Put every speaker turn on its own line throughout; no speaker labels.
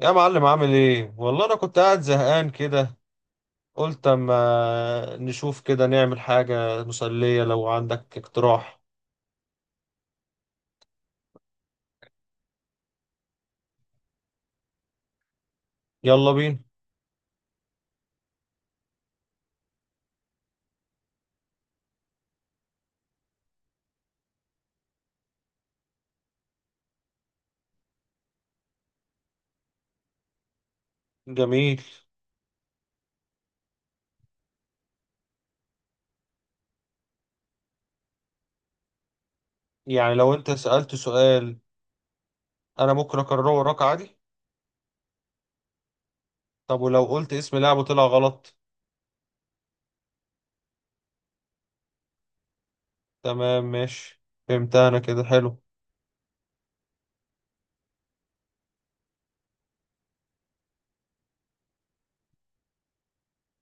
يا معلم، عامل ايه؟ والله انا كنت قاعد زهقان كده. قلت اما نشوف كده نعمل حاجة مسلية. لو عندك اقتراح يلا بينا. جميل. يعني لو انت سألت سؤال انا ممكن اكرره وراك عادي. طب ولو قلت اسم لاعب وطلع غلط؟ تمام، ماشي. فهمت، انا كده حلو.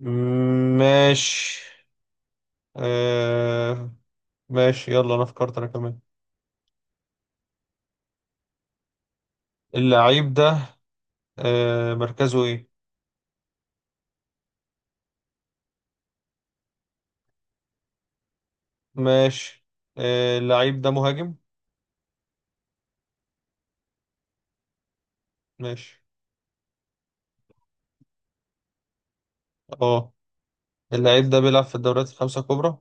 مم، ماشي. آه، ماشي. يلا انا فكرت انا كمان. اللعيب ده مركزه ايه؟ ماشي. اللعيب ده مهاجم. ماشي. اه، اللعيب ده بيلعب في الدوريات الخمسة الكبرى.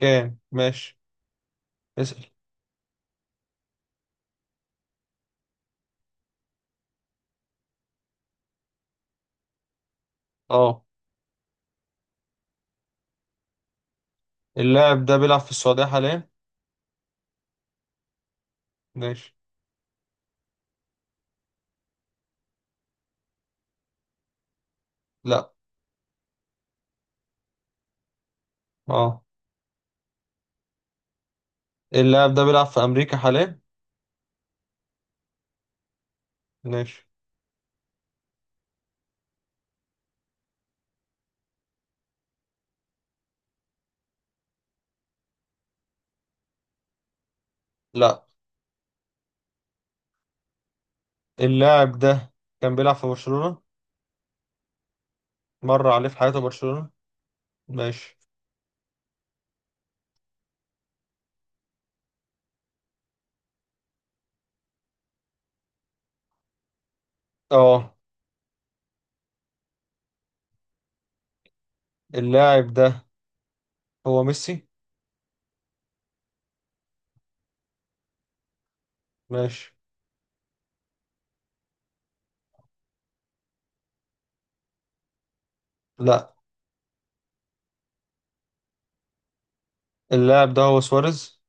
كام، ماشي، اسأل. اه، اللاعب ده بيلعب في السعودية حاليا؟ ماشي. لا. اه، اللاعب ده بيلعب في أمريكا حاليا؟ ماشي. لا. اللاعب ده كان بيلعب في برشلونة، مر عليه في حياته برشلونة. ماشي. اه، اللاعب ده هو ميسي؟ ماشي. لا. اللاعب ده هو سواريز.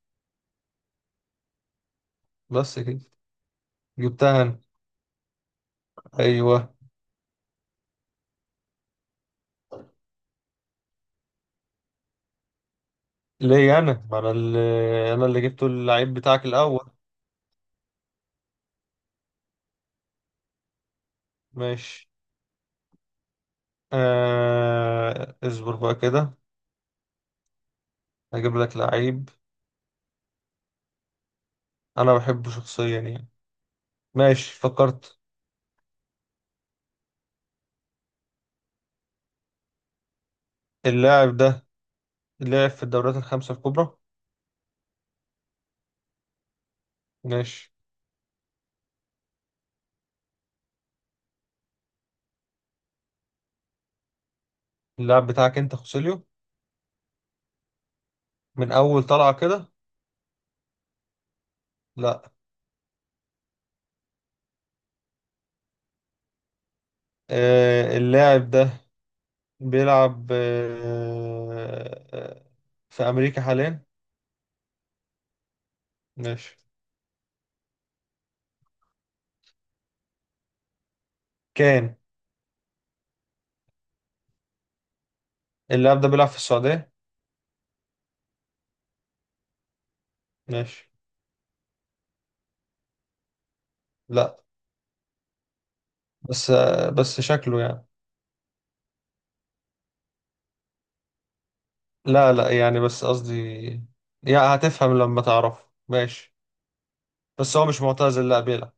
بس كده. جبتها انا، ايوه. ليه؟ انا، ما انا اللي جبته اللعيب بتاعك الاول. ماشي. اصبر بقى كده، هجيب لك لعيب انا بحبه شخصيا يعني. ماشي، فكرت. اللاعب ده لعب في الدوريات الخمسة الكبرى. ماشي. اللاعب بتاعك انت خوسيليو؟ من اول طلعة كده؟ لا. اللاعب ده بيلعب في امريكا حاليا؟ ماشي. كان اللاعب ده بيلعب في السعودية؟ ماشي. لا. بس شكله يعني. لا لا، يعني بس قصدي، يعني هتفهم لما تعرف. ماشي. بس هو مش معتزل، لا بيلعب.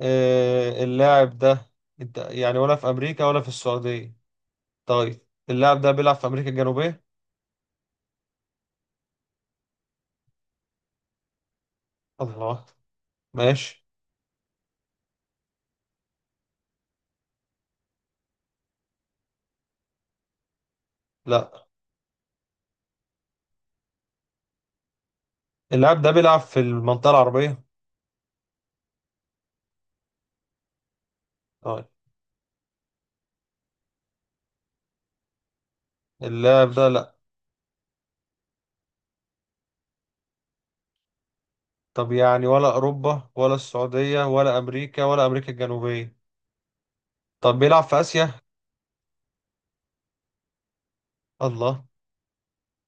اللاعب ده، يعني ولا في امريكا ولا في السعوديه؟ طيب، اللاعب ده بيلعب في امريكا الجنوبيه؟ الله. ماشي. لا، اللاعب ده بيلعب في المنطقه العربيه؟ طيب، اللاعب ده؟ لا. طب يعني ولا اوروبا ولا السعوديه ولا امريكا ولا امريكا الجنوبيه؟ طب بيلعب في اسيا؟ الله.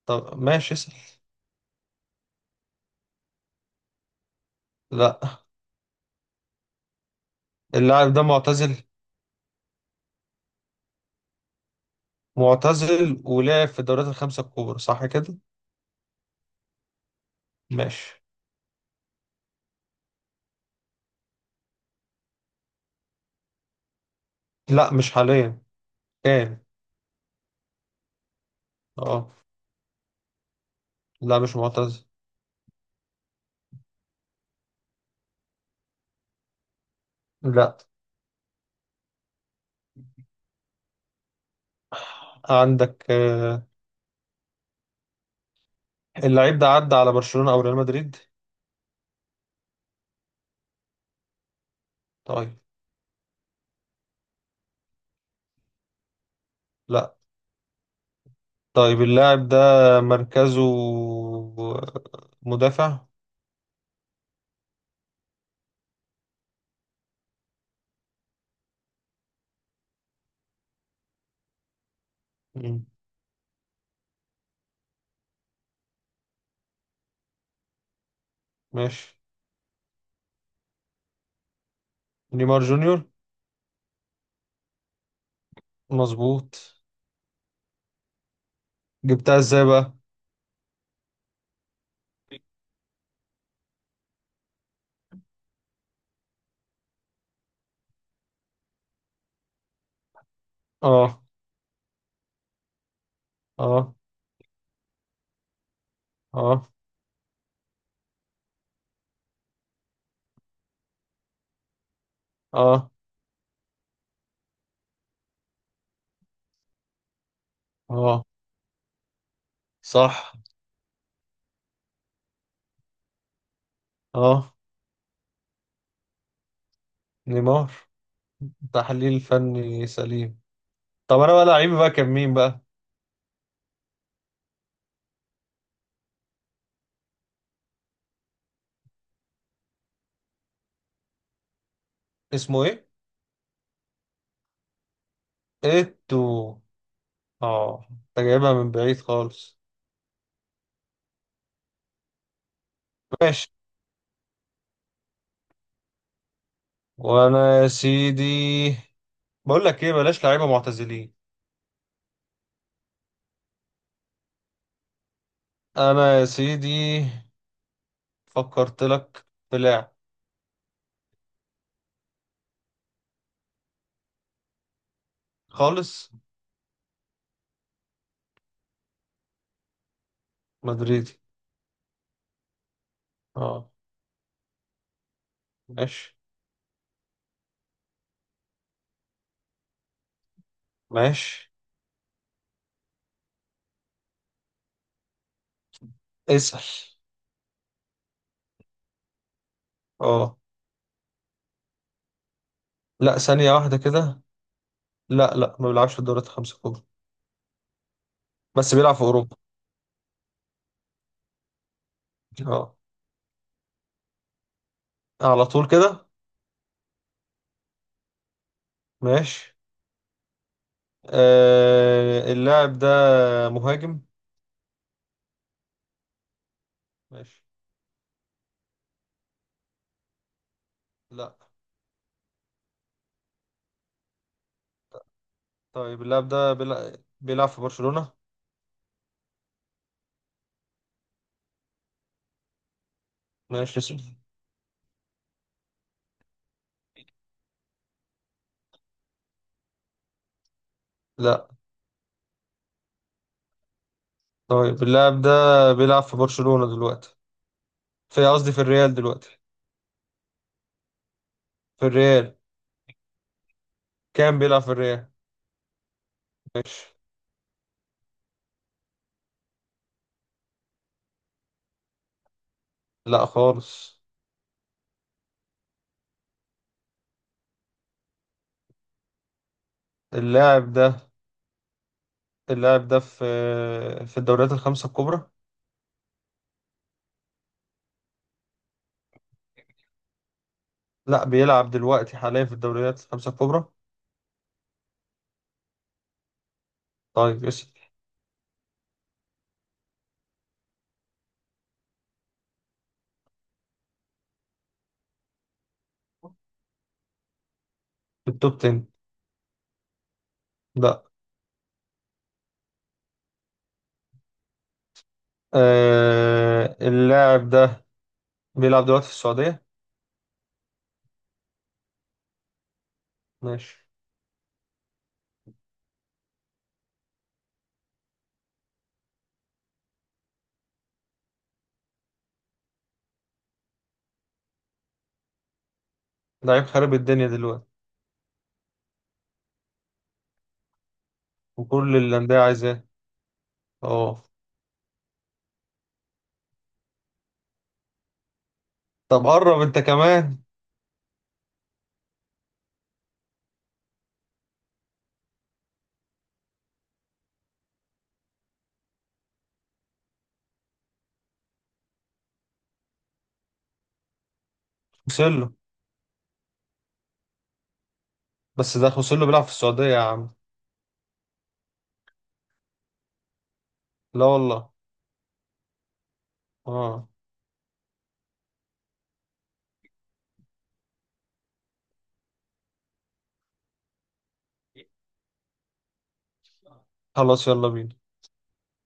طب ماشي، اسال. لا. اللاعب ده معتزل؟ معتزل ولعب في الدوريات الخمسه الكبرى، صح كده؟ ماشي. لا، مش حاليا، كان. اه، لا، مش معتزل لا. عندك اللعيب ده عدى على برشلونة او ريال مدريد؟ طيب. لا. طيب اللاعب ده مركزه، آه، مدافع. مم. ماشي. نيمار جونيور، مظبوط. جبتها ازاي بقى؟ اه، اه، اه، اه، اه. صح. اه، نيمار. تحليل فني سليم. طب انا بقى لعيب بقى كان مين بقى؟ اسمه ايه؟ ايتو. اه، انت جايبها من بعيد خالص. ماشي. وانا، يا سيدي، بقول لك ايه، بلاش لعيبه معتزلين. انا يا سيدي فكرت لك في لاعب. خالص. مدريدي. اه. ماشي. ماشي، اسأل. اه. لا، ثانيه واحده كده. لا لا، ما بيلعبش في الدوريات الخمسه الكبرى، بس بيلعب في اوروبا. اه، على طول كده. ماشي. اللاعب ده مهاجم. ماشي. لا. طيب اللاعب ده بيلعب في برشلونة؟ ماشي، اسأل. لا. طيب اللاعب ده بيلعب في برشلونة دلوقتي؟ في، قصدي في الريال دلوقتي، في الريال، كان بيلعب في الريال. ماشي. لا خالص. اللاعب ده اللاعب ده في الدوريات الخمسة الكبرى. لا، بيلعب دلوقتي حاليا في الدوريات الخمسة الكبرى. طيب اسأل. في التوب 10. لا. اللاعب ده بيلعب دلوقتي في السعودية. ماشي. لعيب خارب الدنيا دلوقتي وكل الأندية عايزاه. اه. طب قرب انت كمان. وصل له. بس ده خوسيلو بيلعب في السعودية يا عم. لا والله. اه. خلاص، يلا بينا.